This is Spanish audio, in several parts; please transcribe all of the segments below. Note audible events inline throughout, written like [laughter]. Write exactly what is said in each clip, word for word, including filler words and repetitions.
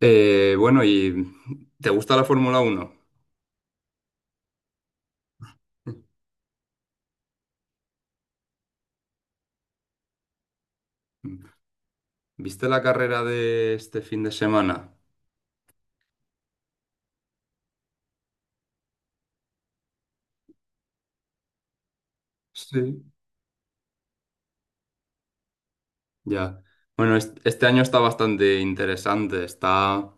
Eh, bueno, ¿y te gusta la Fórmula Uno? ¿Viste la carrera de este fin de semana? Sí. Ya. Bueno, es- este año está bastante interesante. Está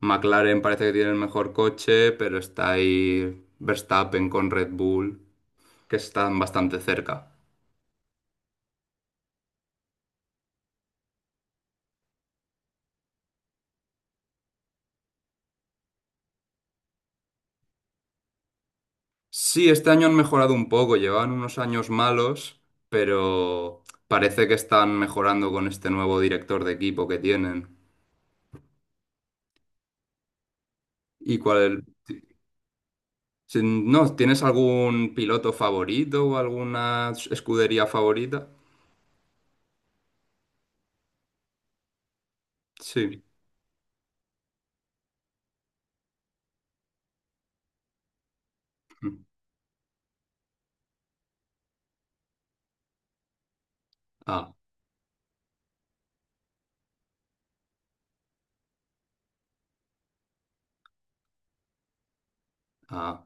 McLaren, parece que tiene el mejor coche, pero está ahí Verstappen con Red Bull, que están bastante cerca. Sí, este año han mejorado un poco, llevaban unos años malos, pero parece que están mejorando con este nuevo director de equipo que tienen. ¿Y cuál, Si no, ¿tienes algún piloto favorito o alguna s- escudería favorita? Sí. Mm. Ah, ah,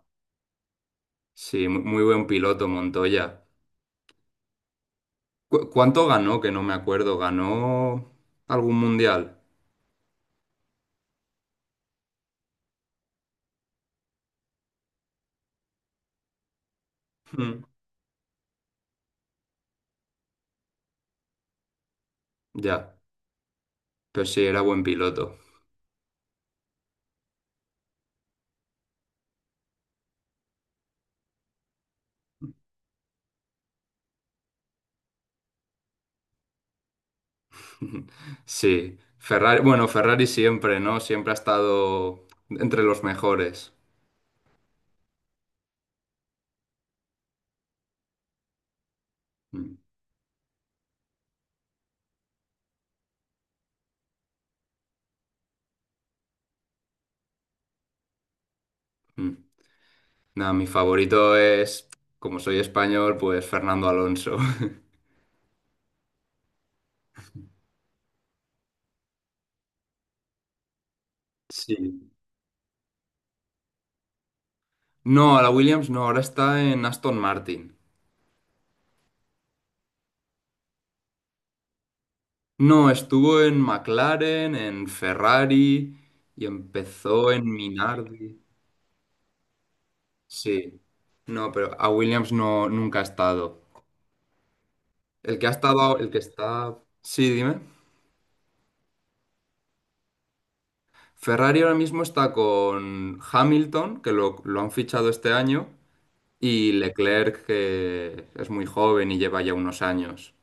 sí, mu- muy buen piloto Montoya. ¿Cu- cuánto ganó? Que no me acuerdo. ¿Ganó algún mundial? Mm. Ya, pero sí, era buen piloto. [laughs] Sí. Ferrari, bueno, Ferrari siempre, ¿no? Siempre ha estado entre los mejores. Mm, mm. Nada, mi favorito es, como soy español, pues Fernando Alonso. [laughs] Sí. No, a la Williams no, ahora está en Aston Martin. No, estuvo en McLaren, en Ferrari y empezó en Minardi. Sí. No, pero a Williams no, nunca ha estado. El que ha estado, a- el que está... Sí, dime. Ferrari ahora mismo está con Hamilton, que lo, lo han fichado este año, y Leclerc, que es muy joven y lleva ya unos años.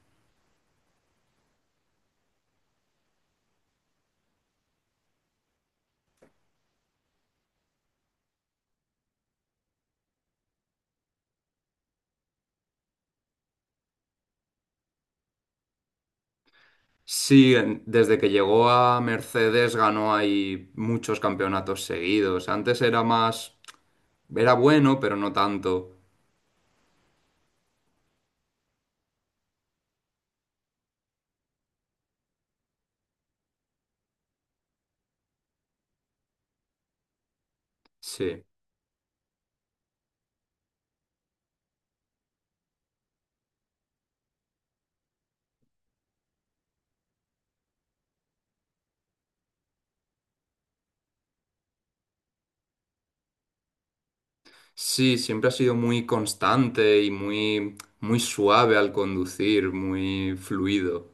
Sí, en- desde que llegó a Mercedes ganó ahí muchos campeonatos seguidos. Antes era más, era bueno, pero no tanto. Sí. Sí, siempre ha sido muy constante y muy, muy suave al conducir, muy fluido.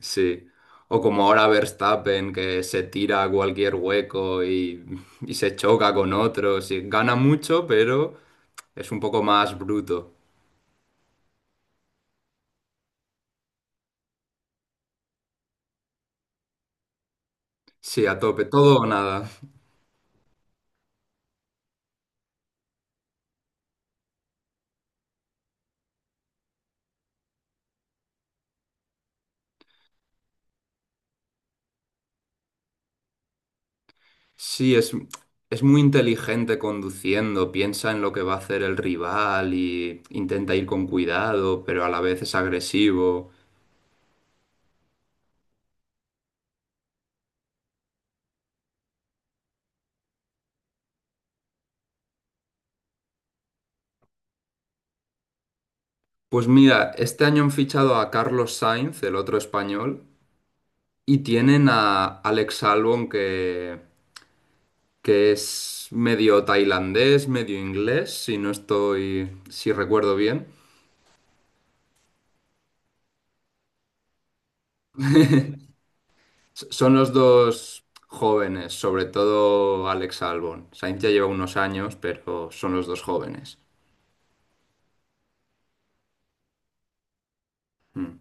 Sí. O como ahora Verstappen, que se tira a cualquier hueco y, y se choca con otros. Y gana mucho, pero es un poco más bruto. Sí, a tope, todo o nada. Sí, es, es muy inteligente conduciendo, piensa en lo que va a hacer el rival y intenta ir con cuidado, pero a la vez es agresivo. Pues mira, este año han fichado a Carlos Sainz, el otro español, y tienen a Alex Albon que, que es medio tailandés, medio inglés, si no estoy, si recuerdo bien. S- Son los dos jóvenes, sobre todo Alex Albon. Sainz ya lleva unos años, pero son los dos jóvenes. Mm.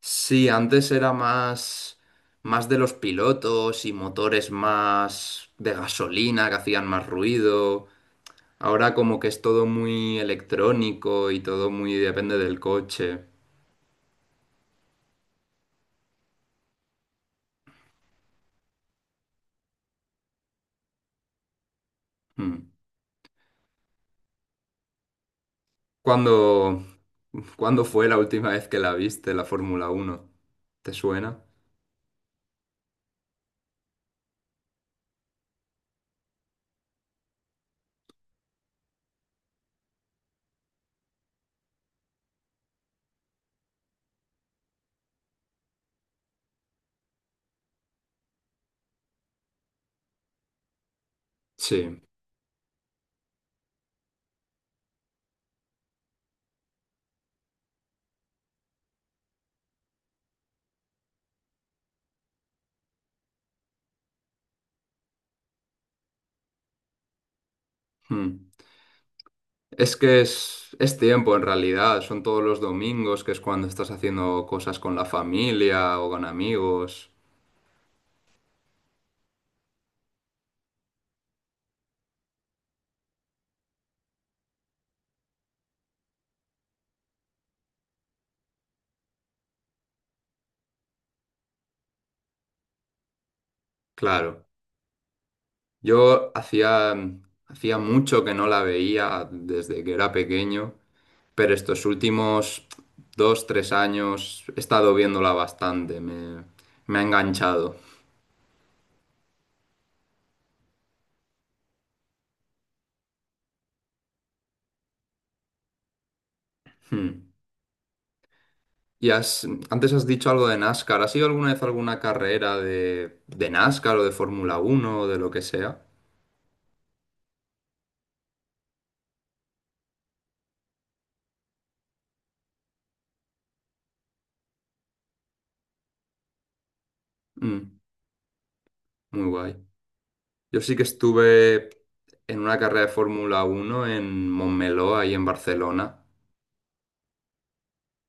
Sí, antes era más, más de los pilotos y motores más de gasolina que hacían más ruido. Ahora como que es todo muy electrónico y todo muy depende del coche. Mm. ¿Cuándo, ¿cuándo fue la última vez que la viste, la Fórmula Uno? ¿Te suena? Sí. Mm. Es que es, es tiempo en realidad, son todos los domingos, que es cuando estás haciendo cosas con la familia o con amigos. Claro. Yo hacía, mm, hacía mucho que no la veía desde que era pequeño, pero estos últimos dos, tres años he estado viéndola bastante, me, me ha enganchado. Hmm. Y has, antes has dicho algo de NASCAR, ¿has ido alguna vez a alguna carrera de, de NASCAR o de Fórmula Uno o de lo que sea? Mm, muy guay. Yo sí que estuve en una carrera de Fórmula Uno en Montmeló, ahí en Barcelona,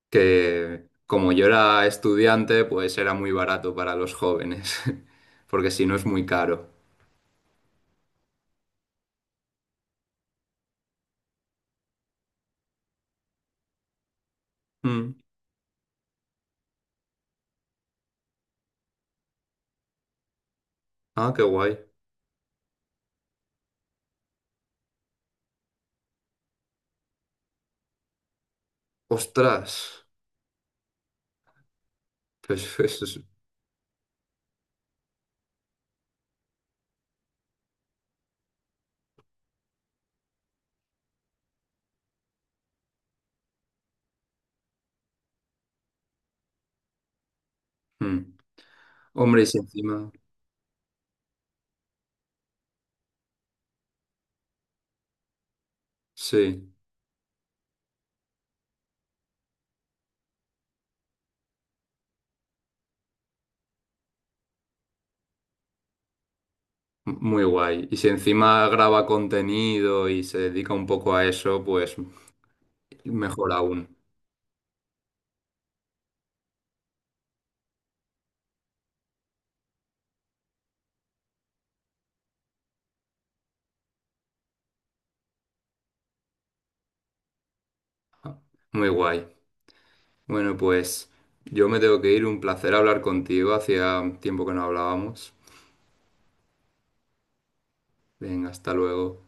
que como yo era estudiante, pues era muy barato para los jóvenes, [laughs] porque si no es muy caro. Mm. Ah, qué guay. Ostras, pues eso es... Mm. Hombre, y si encima... Sí, m- muy guay. Y si encima graba contenido y se dedica un poco a eso, pues mejor aún. Muy guay. Bueno, pues yo me tengo que ir. Un placer hablar contigo. Hacía tiempo que no hablábamos. Venga, hasta luego.